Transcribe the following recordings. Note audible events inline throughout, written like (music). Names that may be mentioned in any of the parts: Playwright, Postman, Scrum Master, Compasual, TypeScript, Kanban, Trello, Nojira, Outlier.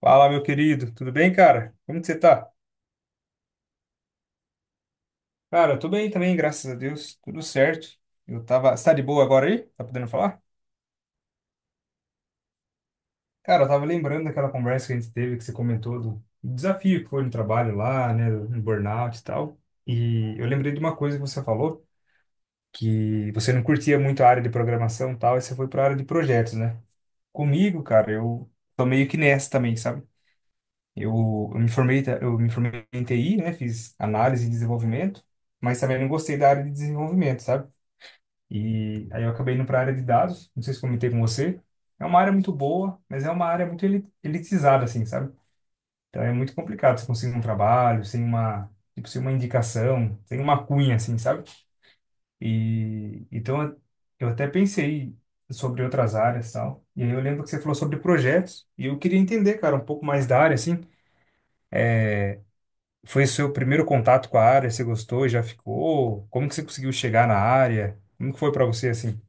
Fala, meu querido, tudo bem, cara? Como que você tá? Cara, eu tô bem também, graças a Deus, tudo certo. Eu tava. Você tá de boa agora aí? Tá podendo falar? Cara, eu tava lembrando daquela conversa que a gente teve, que você comentou do desafio que foi no trabalho lá, né, no burnout e tal. E eu lembrei de uma coisa que você falou, que você não curtia muito a área de programação e tal, e você foi pra área de projetos, né? Comigo, cara, eu tô meio que nessa também, sabe? Eu me formei, eu me formei em TI, né? Fiz análise e desenvolvimento, mas também não gostei da área de desenvolvimento, sabe? E aí eu acabei indo para a área de dados, não sei se comentei com você. É uma área muito boa, mas é uma área muito elitizada, assim, sabe? Então é muito complicado você conseguir um trabalho sem uma, tipo, sem uma indicação, sem uma cunha, assim, sabe? E então eu até pensei sobre outras áreas, e tal. E aí eu lembro que você falou sobre projetos, e eu queria entender, cara, um pouco mais da área, assim. Foi seu primeiro contato com a área? Você gostou? Já ficou? Como que você conseguiu chegar na área? Como que foi pra você assim?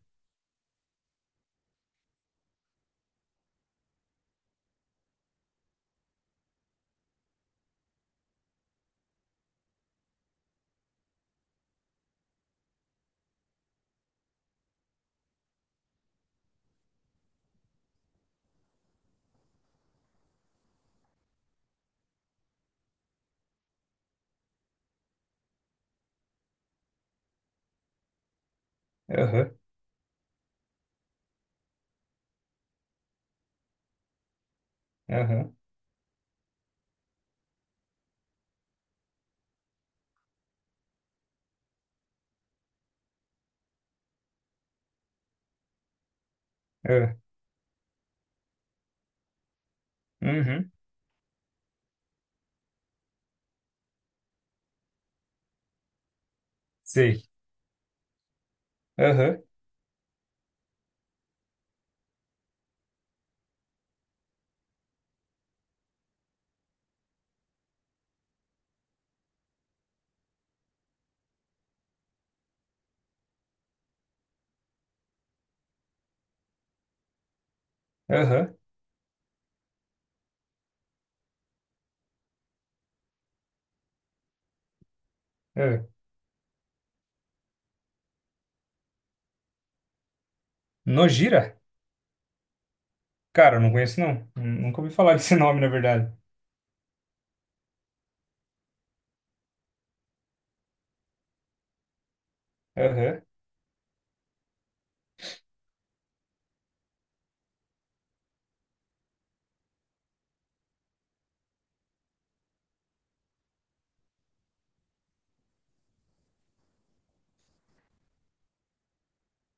Aham, aham, aham, uhum, sei. Aham, aham, aham. Nojira? Cara, eu não conheço não. Nunca ouvi falar desse (laughs) nome, na verdade. Aham,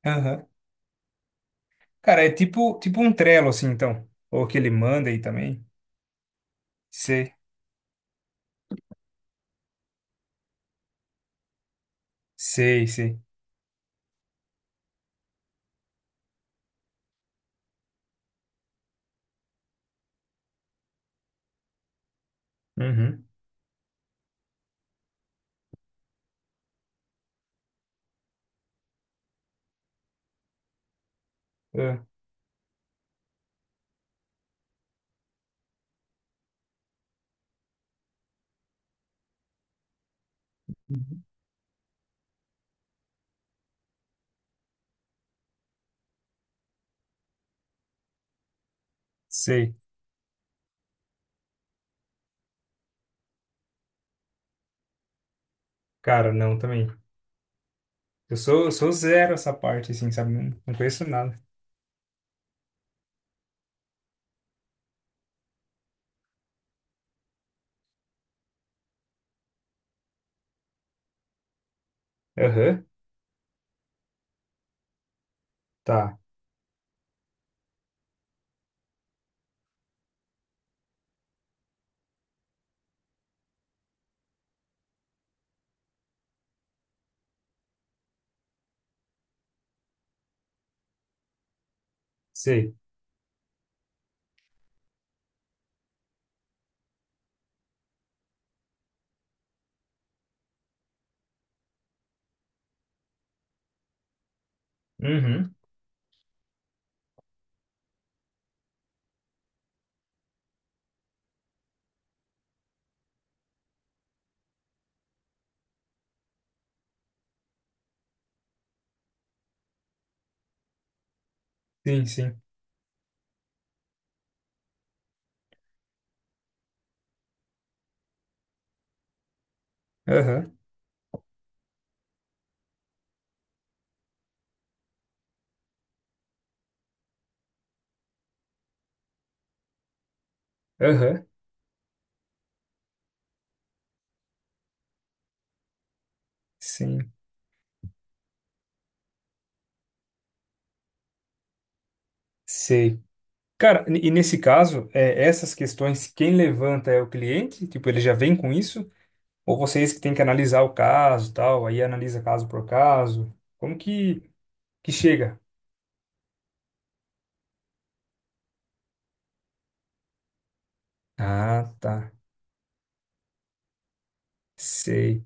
aham. Cara, é tipo, tipo um Trello, assim, então. Ou que ele manda aí também. Sei, sei, sei. Uhum, ah, uhum. Sei. Cara, não, também. Eu sou zero essa parte, assim, sabe? Não, não conheço nada. Aham. Tá, sei. Uhum. Sim, sim. Aham, aham, sim, sei. Cara, e nesse caso, é, essas questões, quem levanta é o cliente? Tipo, ele já vem com isso? Ou vocês que têm que analisar o caso, tal, aí analisa caso por caso? Que chega? Ah, tá, sei.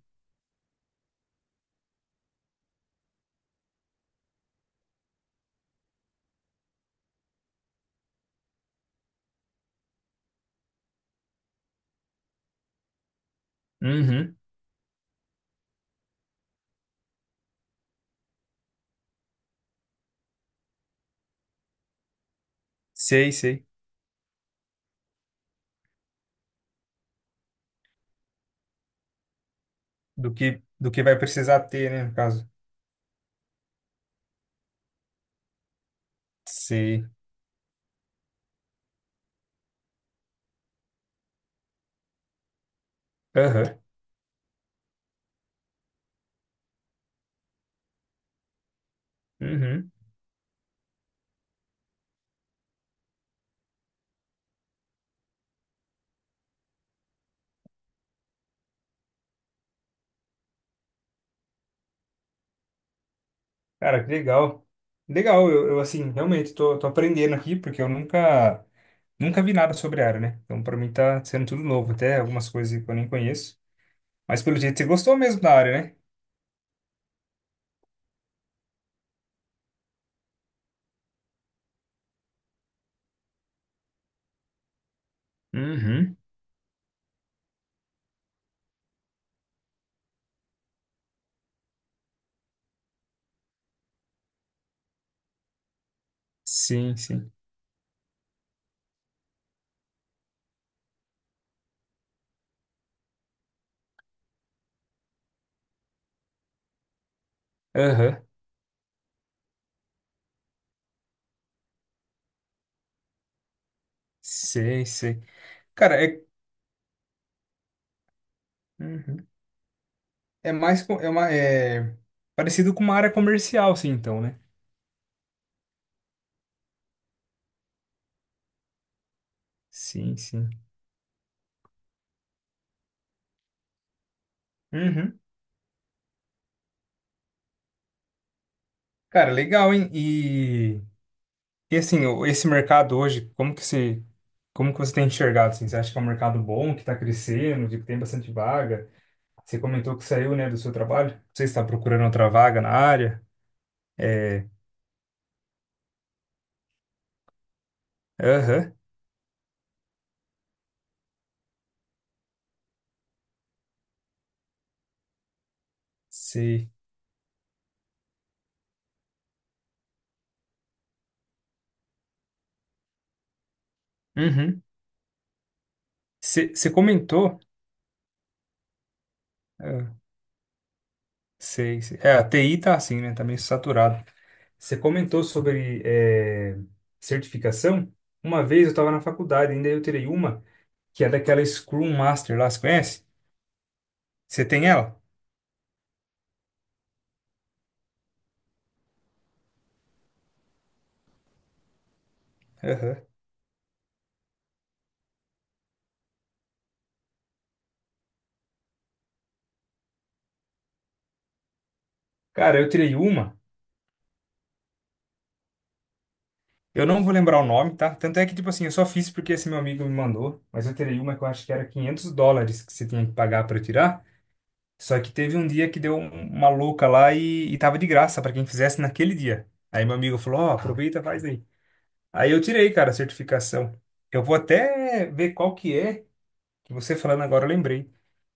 Uhum, sei, sei. Do que vai precisar ter, né, no caso? Sei. Aham, uhum. Cara, que legal. Legal, assim, realmente tô aprendendo aqui, porque eu nunca, nunca vi nada sobre a área, né? Então, pra mim tá sendo tudo novo, até algumas coisas que eu nem conheço. Mas pelo jeito você gostou mesmo da área, né? Uhum. Sim, sim. Aham. Sei, sei. Cara, é, uhum. É mais, é uma, é parecido com uma área comercial, sim, então, né? Sim, sim. Uhum. Cara, legal, hein? E assim, esse mercado hoje, como que se, como que você tem enxergado, assim? Você acha que é um mercado bom, que está crescendo, que tem bastante vaga? Você comentou que saiu, né, do seu trabalho. Não sei se está procurando outra vaga na área. É, aham, sei. Uhum. Você comentou, é, sei, sei. É, a TI tá assim, né, tá meio saturado. Você comentou sobre é, certificação. Uma vez eu estava na faculdade, ainda eu tirei uma, que é daquela Scrum Master lá, você conhece? Você tem ela? Aham. Cara, eu tirei uma, eu não vou lembrar o nome, tá? Tanto é que, tipo assim, eu só fiz porque esse meu amigo me mandou, mas eu tirei uma que eu acho que era US$ 500 que você tinha que pagar pra tirar. Só que teve um dia que deu uma louca lá e tava de graça pra quem fizesse naquele dia. Aí meu amigo falou: Ó, aproveita, faz aí. Aí eu tirei, cara, a certificação. Eu vou até ver qual que é, que você falando agora eu lembrei.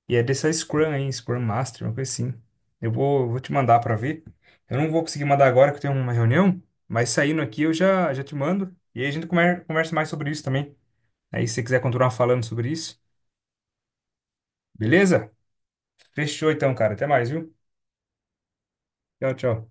E é dessa Scrum aí, Scrum Master, uma coisa assim. Eu vou te mandar pra ver. Eu não vou conseguir mandar agora que eu tenho uma reunião, mas saindo aqui já te mando. E aí a gente conversa mais sobre isso também. Aí se você quiser continuar falando sobre isso, beleza? Fechou então, cara. Até mais, viu? Tchau, tchau.